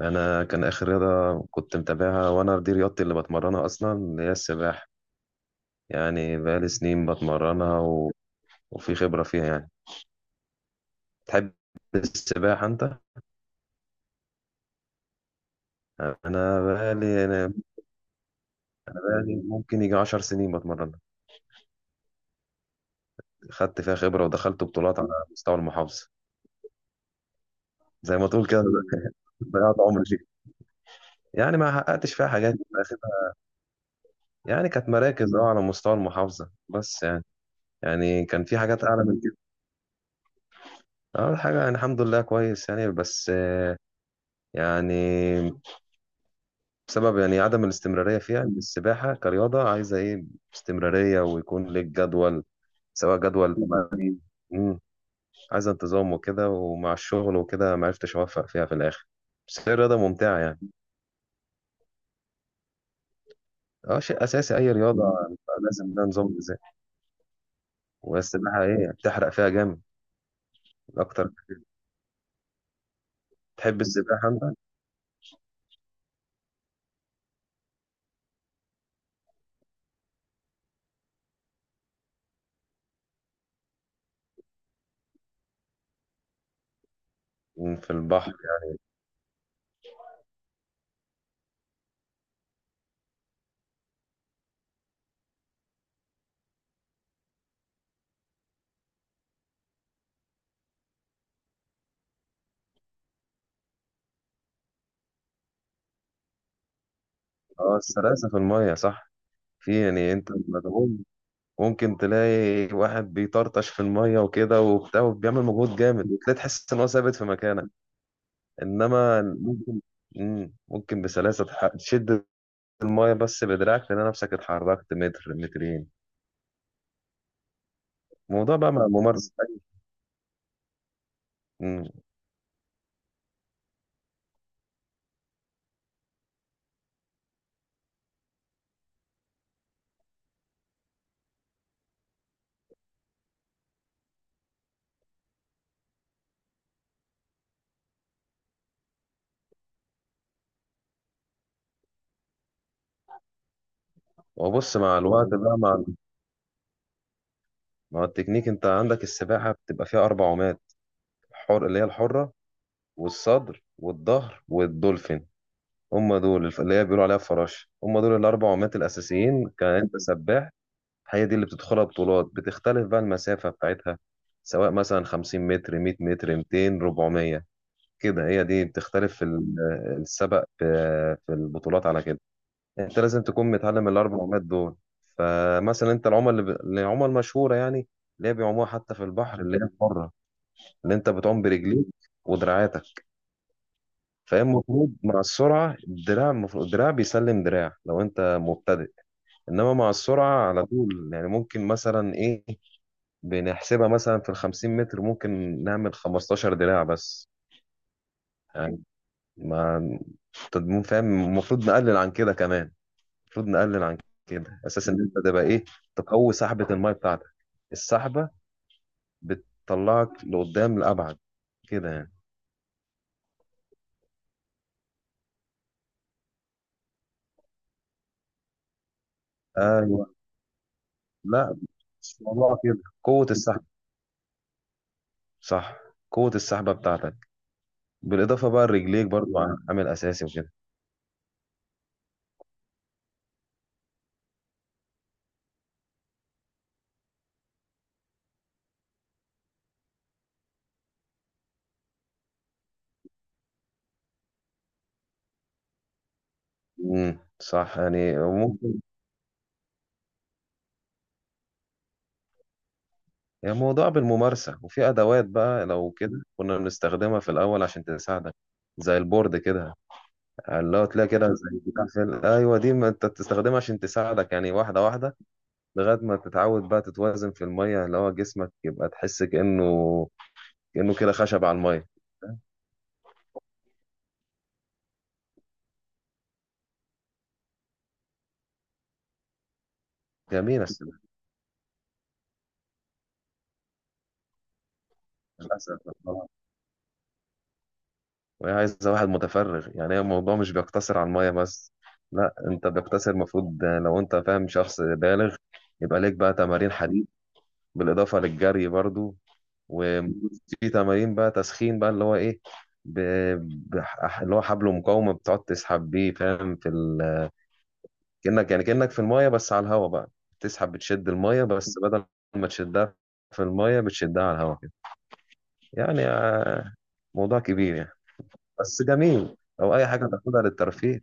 انا كان اخر رياضه كنت متابعها، وانا دي رياضتي اللي بتمرنها اصلا، اللي هي السباحه. يعني بقالي سنين بتمرنها وفي خبره فيها يعني. تحب السباحه انت؟ انا بقالي ممكن يجي 10 سنين بتمرنها. خدت فيها خبره ودخلت بطولات على مستوى المحافظه. زي ما تقول كده ضيعت عمري فيها. يعني ما حققتش فيها حاجات. يعني كانت مراكز اه على مستوى المحافظة بس يعني. يعني كان في حاجات أعلى من كده. أول حاجة يعني الحمد لله كويس يعني، بس يعني بسبب يعني عدم الاستمرارية فيها. إن السباحة كرياضة عايزة إيه؟ استمرارية، ويكون ليك جدول. سواء جدول مم، عايزة انتظام وكده، ومع الشغل وكده ما عرفتش أوفق فيها في الآخر. بس هي رياضة ممتعة يعني. اه، شيء أساسي أي رياضة يعني، لازم ده نظام غذائي. والسباحة إيه، بتحرق فيها جامد أكتر. تحب السباحة أنت؟ في البحر. اه السلاسة في المية، صح. في يعني انت مدعوم. ممكن تلاقي واحد بيطرطش في المية وكده وبتاع، وبيعمل مجهود جامد، وتلاقي تحس ان هو ثابت في مكانك. انما ممكن بسلاسة تشد المية بس بدراعك، تلاقي نفسك اتحركت متر مترين. الموضوع بقى مع الممارسة. مم. وبص مع الوقت بقى مع التكنيك، انت عندك السباحة بتبقى فيها أربع عومات: حر اللي هي الحرة، والصدر، والظهر، والدولفين. هم دول اللي هي بيقولوا عليها الفراشه، هم دول الاربع عمات الاساسيين. كان انت سباح؟ هي دي اللي بتدخلها بطولات، بتختلف بقى المسافه بتاعتها، سواء مثلا 50 متر، 100 متر، 200، 400. كده هي دي بتختلف في السبق في البطولات على كده. انت لازم تكون متعلم الاربع عمات دول. فمثلا انت العمى العمى المشهوره يعني، اللي هي بيعوموها حتى في البحر، اللي هي بره، اللي انت بتعوم برجليك ودراعاتك. فهي المفروض مع السرعة الدراع، المفروض الدراع بيسلم دراع لو أنت مبتدئ. إنما مع السرعة على طول يعني ممكن مثلا إيه، بنحسبها مثلا في الخمسين متر ممكن نعمل 15 دراع بس. يعني ما تضمون فاهم، المفروض نقلل عن كده كمان، المفروض نقلل عن كده، أساس إن أنت تبقى إيه، تقوي سحبة المية بتاعتك. السحبة بتطلعك لقدام لأبعد كده يعني. أيوه، لا مش موضوع كده. قوة السحب، صح، قوة السحبة بتاعتك، بالاضافه بقى لرجليك برضو، عامل اساسي وكده. صح، يعني ممكن. يعني موضوع بالممارسه، وفي ادوات بقى لو كده كنا بنستخدمها في الاول عشان تساعدك، زي البورد كده. اللي هو تلاقي كده زي بتاع في ايوه دي، ما انت بتستخدمها عشان تساعدك يعني، واحده واحده، لغايه ما تتعود بقى تتوازن في الميه، اللي هو جسمك يبقى تحس كانه كده خشب على الميه. جميله السباحه. للاسف. وهي عايزة واحد متفرغ، يعني هي الموضوع مش بيقتصر على المية بس. لا انت بيقتصر المفروض، لو انت فاهم شخص بالغ، يبقى ليك بقى تمارين حديد، بالإضافة للجري برضو. وفي تمارين بقى تسخين بقى اللي هو ايه، ب... اللي هو حبل مقاومة بتقعد تسحب بيه، فاهم، في كأنك يعني كأنك في المية بس على الهواء بقى، تسحب، بتشد المية، بس بدل ما تشدها في المية بتشدها على الهواء كده يعني موضوع كبير يعني. بس جميل، أو أي حاجة تاخدها للترفيه.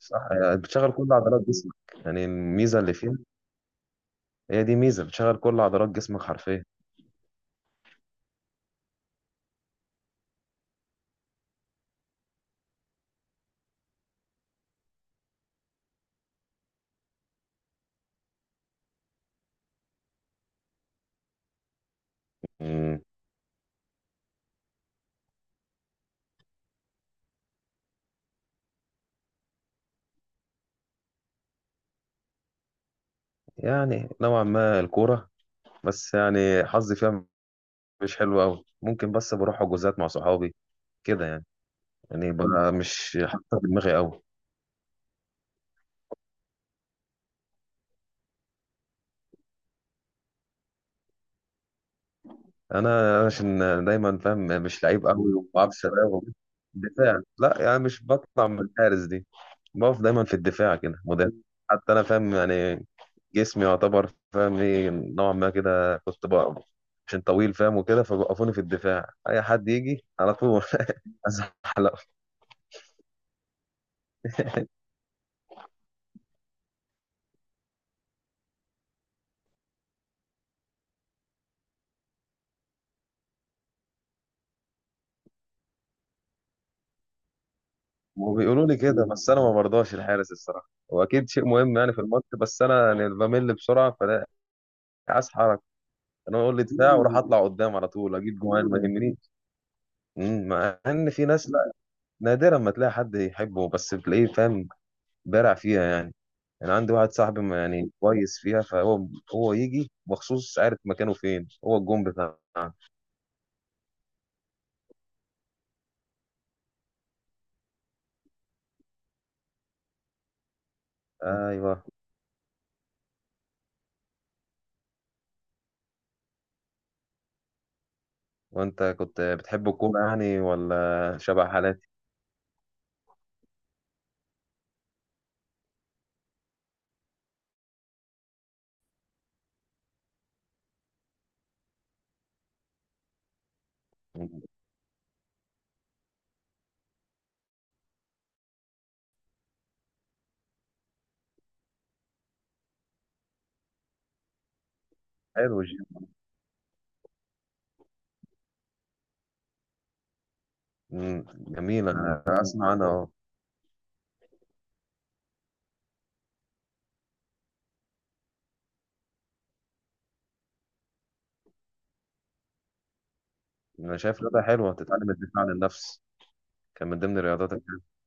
صح، بتشغل كل عضلات جسمك. يعني الميزة اللي فيها، هي دي ميزة، بتشغل كل عضلات جسمك حرفيا. مم. يعني نوعا ما الكورة، بس يعني حظي فيها مش حلو أوي. ممكن بس بروح حجوزات مع صحابي كده يعني. يعني بقى مش حاطة في دماغي أوي. أنا عشان دايما فاهم مش لعيب أوي، وما بعرفش شباب. دفاع، لا يعني مش بطلع من الحارس دي. بقف دايما في الدفاع كده، مدافع. حتى أنا فاهم يعني جسمي يعتبر فاهم ايه نوعا ما، كده كنت بقى عشان طويل فاهم وكده، فوقفوني في الدفاع، اي حد يجي على طول ازحلق. وبيقولوا لي كده، بس انا ما برضاش الحارس الصراحه، واكيد شيء مهم يعني في الماتش، بس انا يعني بمل بسرعه، فلا، عايز حركه. انا اقول لي دفاع واروح اطلع قدام على طول اجيب جوان ما يهمنيش. مع ان في ناس لا، نادرا ما تلاقي حد يحبه، بس بتلاقيه فاهم بارع فيها يعني. يعني عندي واحد صاحبي يعني كويس فيها، فهو هو يجي مخصوص عارف مكانه فين هو الجون بتاعه. ايوه. وانت كنت بتحب الكوره يعني؟ ولا شبه حالاتي؟ حلو الجيم. مم، جميل، انا اسمع، انا اه انا شايف رياضه حلوه تتعلم الدفاع عن النفس. كان من ضمن الرياضات الحلوة.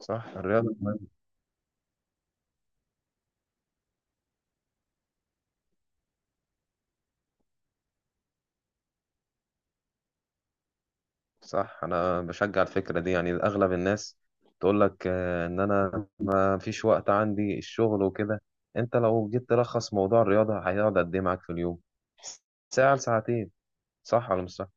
صح، الرياضه مهمة. صح، انا بشجع الفكره دي. يعني اغلب الناس تقول لك آه، ان انا ما فيش وقت عندي، الشغل وكده. انت لو جيت تلخص موضوع الرياضه، هيقعد قد ايه معاك في اليوم؟ ساعة لساعتين. صح ولا مش صح؟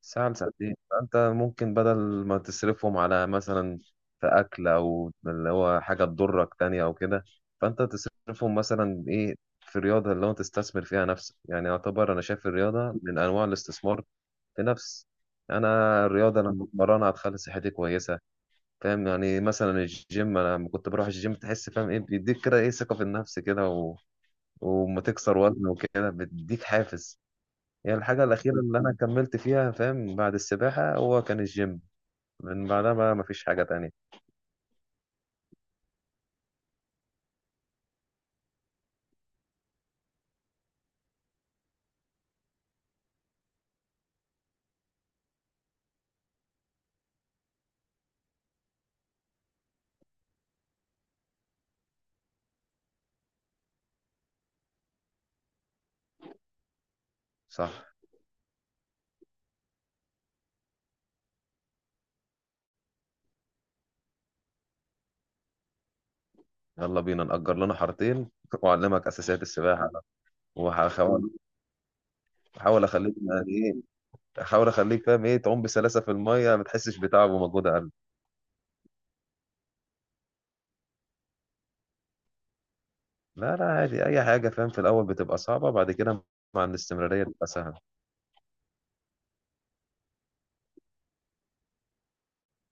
ساعة لساعتين، فأنت ممكن بدل ما تصرفهم على مثلا في أكل، أو اللي هو حاجة تضرك تانية أو كده، فأنت تصرفهم مثلا إيه في رياضة اللي هو تستثمر فيها نفسك. يعني يعتبر أنا شايف الرياضة من أنواع الاستثمار في نفس. أنا الرياضة لما بتمرنها هتخلي صحتي كويسة. فاهم يعني مثلا الجيم، أنا لما كنت بروح الجيم تحس فاهم إيه بيديك كده إيه، ثقة في النفس كده وما تكسر وزن وكده بيديك حافز. هي الحاجة الأخيرة اللي أنا كملت فيها فاهم بعد السباحة هو كان الجيم، من بعدها بقى مفيش حاجة تانية. صح. يلا بينا نأجر لنا حارتين وأعلمك أساسيات السباحة. وهحاول أحاول أخليك يعني إيه، أحاول أخليك فاهم إيه، تعوم بسلاسة في المية ما تحسش بتعب ومجهود أقل. لا لا، عادي، أي حاجة فاهم في الأول بتبقى صعبة، بعد كده مع الاستمرارية بتبقى سهلة.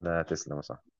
لا، تسلم يا صاحبي.